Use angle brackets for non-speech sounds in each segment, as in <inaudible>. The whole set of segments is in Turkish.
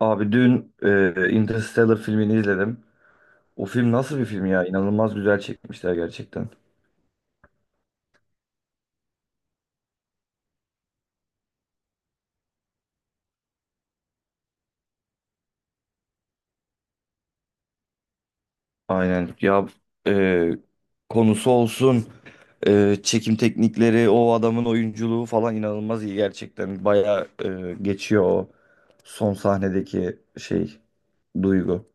Abi dün Interstellar filmini izledim. O film nasıl bir film ya? İnanılmaz güzel çekmişler gerçekten. Aynen ya, e, konusu olsun, çekim teknikleri, o adamın oyunculuğu falan inanılmaz iyi gerçekten. Bayağı geçiyor o son sahnedeki şey, duygu.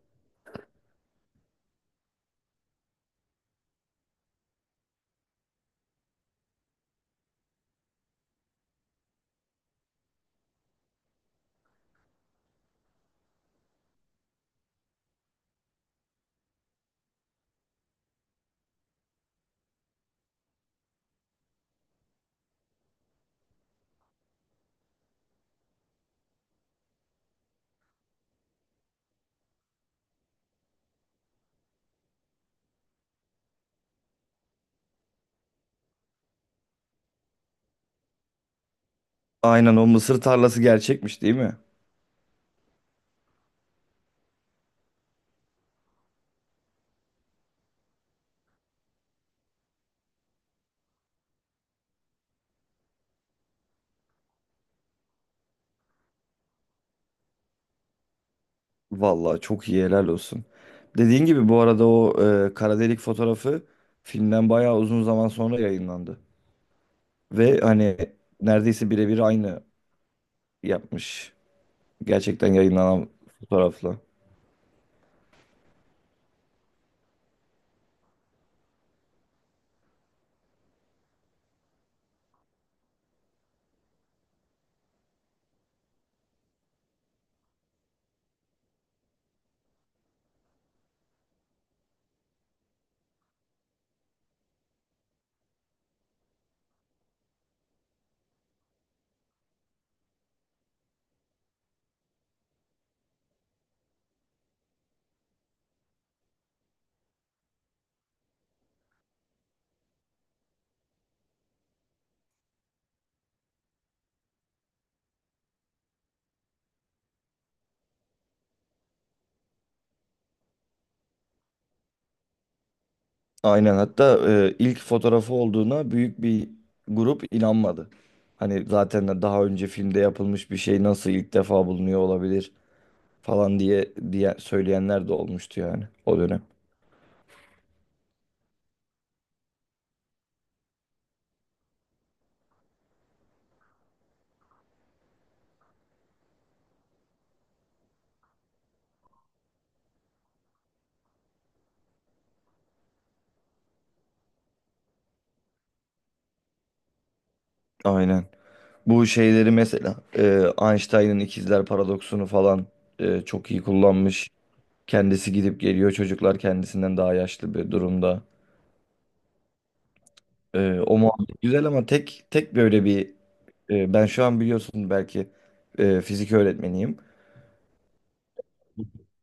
Aynen, o mısır tarlası gerçekmiş değil mi? Vallahi çok iyi, helal olsun. Dediğin gibi bu arada o kara delik fotoğrafı filmden bayağı uzun zaman sonra yayınlandı. Ve hani neredeyse birebir aynı yapmış. Gerçekten yayınlanan fotoğrafla. Aynen, hatta ilk fotoğrafı olduğuna büyük bir grup inanmadı. Hani zaten de daha önce filmde yapılmış bir şey nasıl ilk defa bulunuyor olabilir falan diye söyleyenler de olmuştu yani o dönem. Aynen. Bu şeyleri mesela Einstein'ın ikizler paradoksunu falan çok iyi kullanmış. Kendisi gidip geliyor. Çocuklar kendisinden daha yaşlı bir durumda. O muhabbet güzel ama tek tek böyle bir ben şu an biliyorsun belki fizik öğretmeniyim.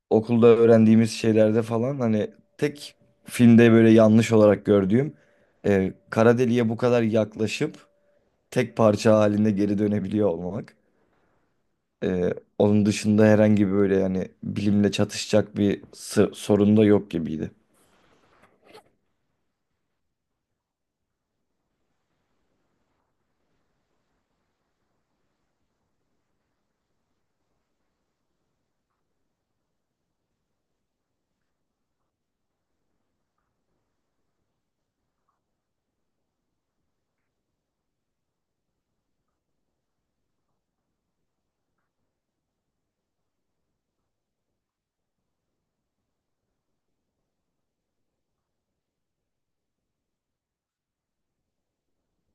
Okulda öğrendiğimiz şeylerde falan hani tek filmde böyle yanlış olarak gördüğüm, kara deliğe bu kadar yaklaşıp tek parça halinde geri dönebiliyor olmak. Onun dışında herhangi böyle yani bilimle çatışacak bir sorun da yok gibiydi.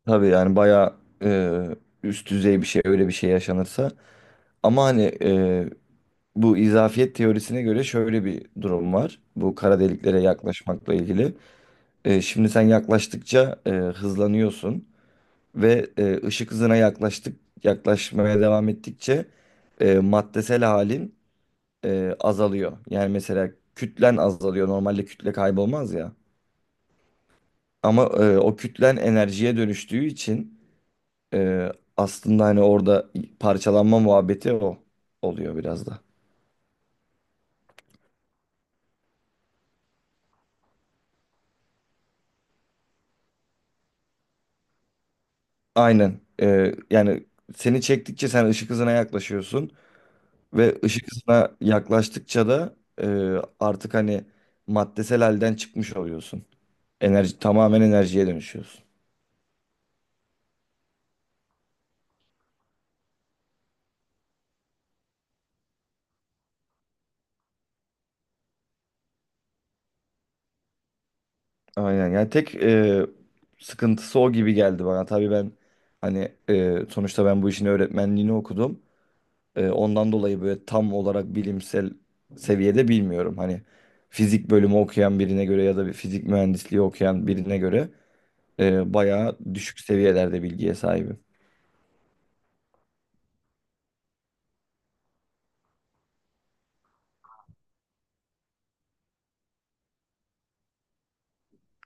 Tabii yani bayağı e, üst düzey bir şey öyle bir şey yaşanırsa. Ama hani bu izafiyet teorisine göre şöyle bir durum var. Bu kara deliklere yaklaşmakla ilgili. Şimdi sen yaklaştıkça hızlanıyorsun ve ışık hızına yaklaştık yaklaşmaya devam ettikçe maddesel halin azalıyor. Yani mesela kütlen azalıyor. Normalde kütle kaybolmaz ya. Ama o kütlen enerjiye dönüştüğü için e, aslında hani orada parçalanma muhabbeti o oluyor biraz da. Aynen. Yani seni çektikçe sen ışık hızına yaklaşıyorsun ve ışık hızına yaklaştıkça da e, artık hani maddesel halden çıkmış oluyorsun. Enerji, tamamen enerjiye dönüşüyorsun. Aynen yani tek sıkıntısı o gibi geldi bana. Tabii ben hani, sonuçta ben bu işin öğretmenliğini okudum. Ondan dolayı böyle tam olarak bilimsel seviyede bilmiyorum. Hani fizik bölümü okuyan birine göre ya da bir fizik mühendisliği okuyan birine göre bayağı düşük seviyelerde bilgiye sahibim.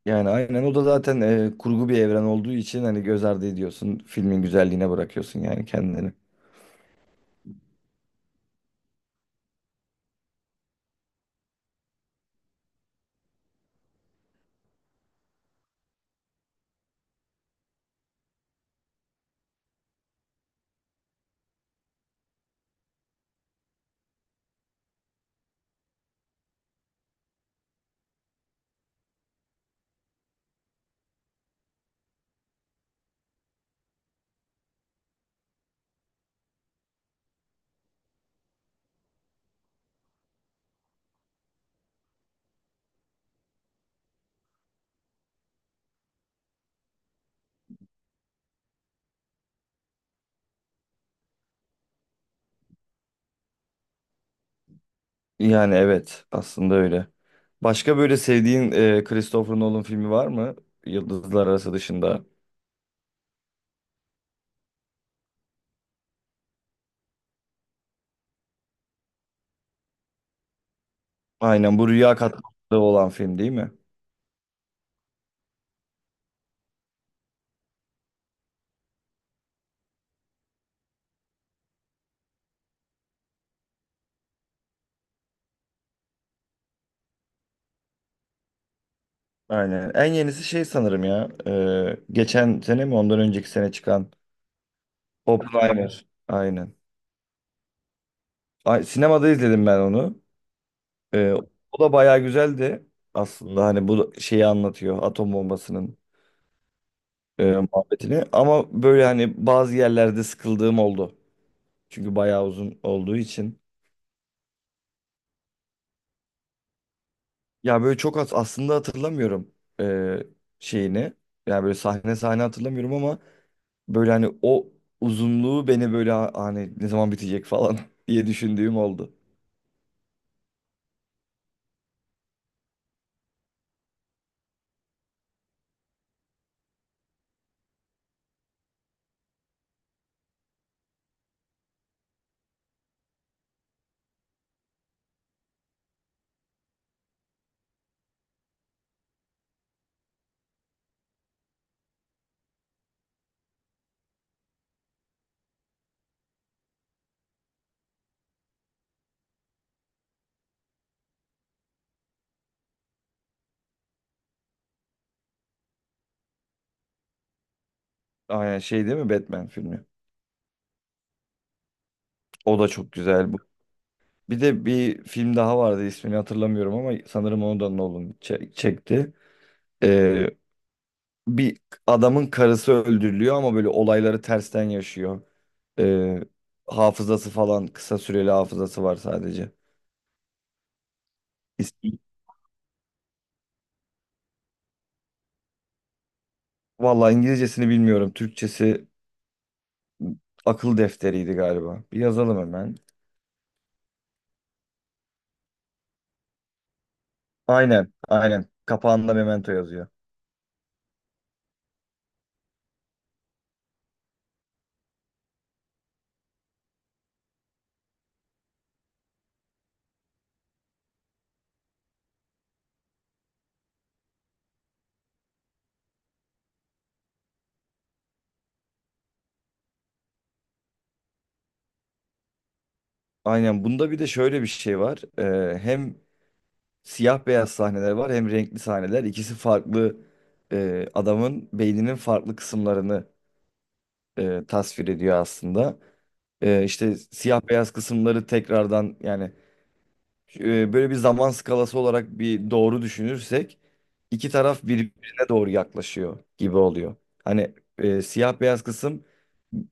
Yani aynen, o da zaten kurgu bir evren olduğu için hani göz ardı ediyorsun. Filmin güzelliğine bırakıyorsun yani kendini. Yani evet, aslında öyle. Başka böyle sevdiğin Christopher Nolan filmi var mı? Yıldızlar Arası dışında. Aynen, bu rüya katmanında olan film değil mi? Aynen. En yenisi şey sanırım ya, geçen sene mi ondan önceki sene çıkan Oppenheimer. Aynen. Ay, sinemada izledim ben onu. E, O da bayağı güzeldi aslında. Hani bu şeyi anlatıyor, atom bombasının e, muhabbetini. Ama böyle hani bazı yerlerde sıkıldığım oldu. Çünkü bayağı uzun olduğu için. Ya böyle çok az aslında hatırlamıyorum eee, şeyini. Yani böyle sahne sahne hatırlamıyorum ama böyle hani o uzunluğu beni böyle hani ne zaman bitecek falan <laughs> diye düşündüğüm oldu. Aynen şey değil mi, Batman filmi? O da çok güzel bu. Bir de bir film daha vardı, ismini hatırlamıyorum ama sanırım onu da Nolan çekti. Eee, Bir adamın karısı öldürülüyor ama böyle olayları tersten yaşıyor. Eee, Hafızası falan, kısa süreli hafızası var sadece. Vallahi İngilizcesini bilmiyorum. Türkçesi akıl defteriydi galiba. Bir yazalım hemen. Aynen, aynen. Kapağında Memento yazıyor. Aynen. Bunda bir de şöyle bir şey var. Hem siyah beyaz sahneler var hem renkli sahneler. İkisi farklı, adamın beyninin farklı kısımlarını tasvir ediyor aslında. İşte siyah beyaz kısımları tekrardan, yani böyle bir zaman skalası olarak bir doğru düşünürsek iki taraf birbirine doğru yaklaşıyor gibi oluyor. Hani siyah beyaz kısım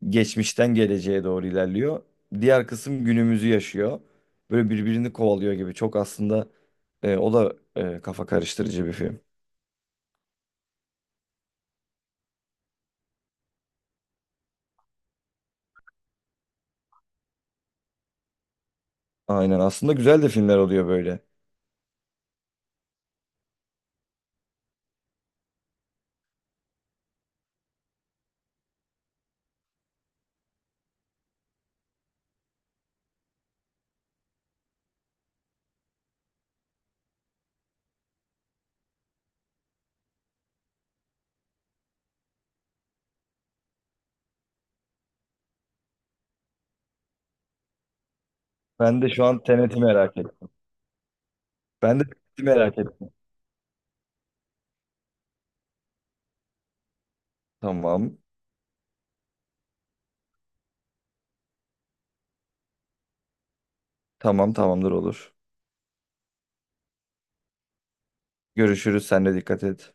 geçmişten geleceğe doğru ilerliyor. Diğer kısım günümüzü yaşıyor. Böyle birbirini kovalıyor gibi. Çok aslında, o da kafa karıştırıcı bir film. Aynen, aslında güzel de filmler oluyor böyle. Ben de şu an Tenet'i merak ettim. Ben de Tenet'i merak ettim. Tamam. Tamam, tamamdır, olur. Görüşürüz. Sen de dikkat et.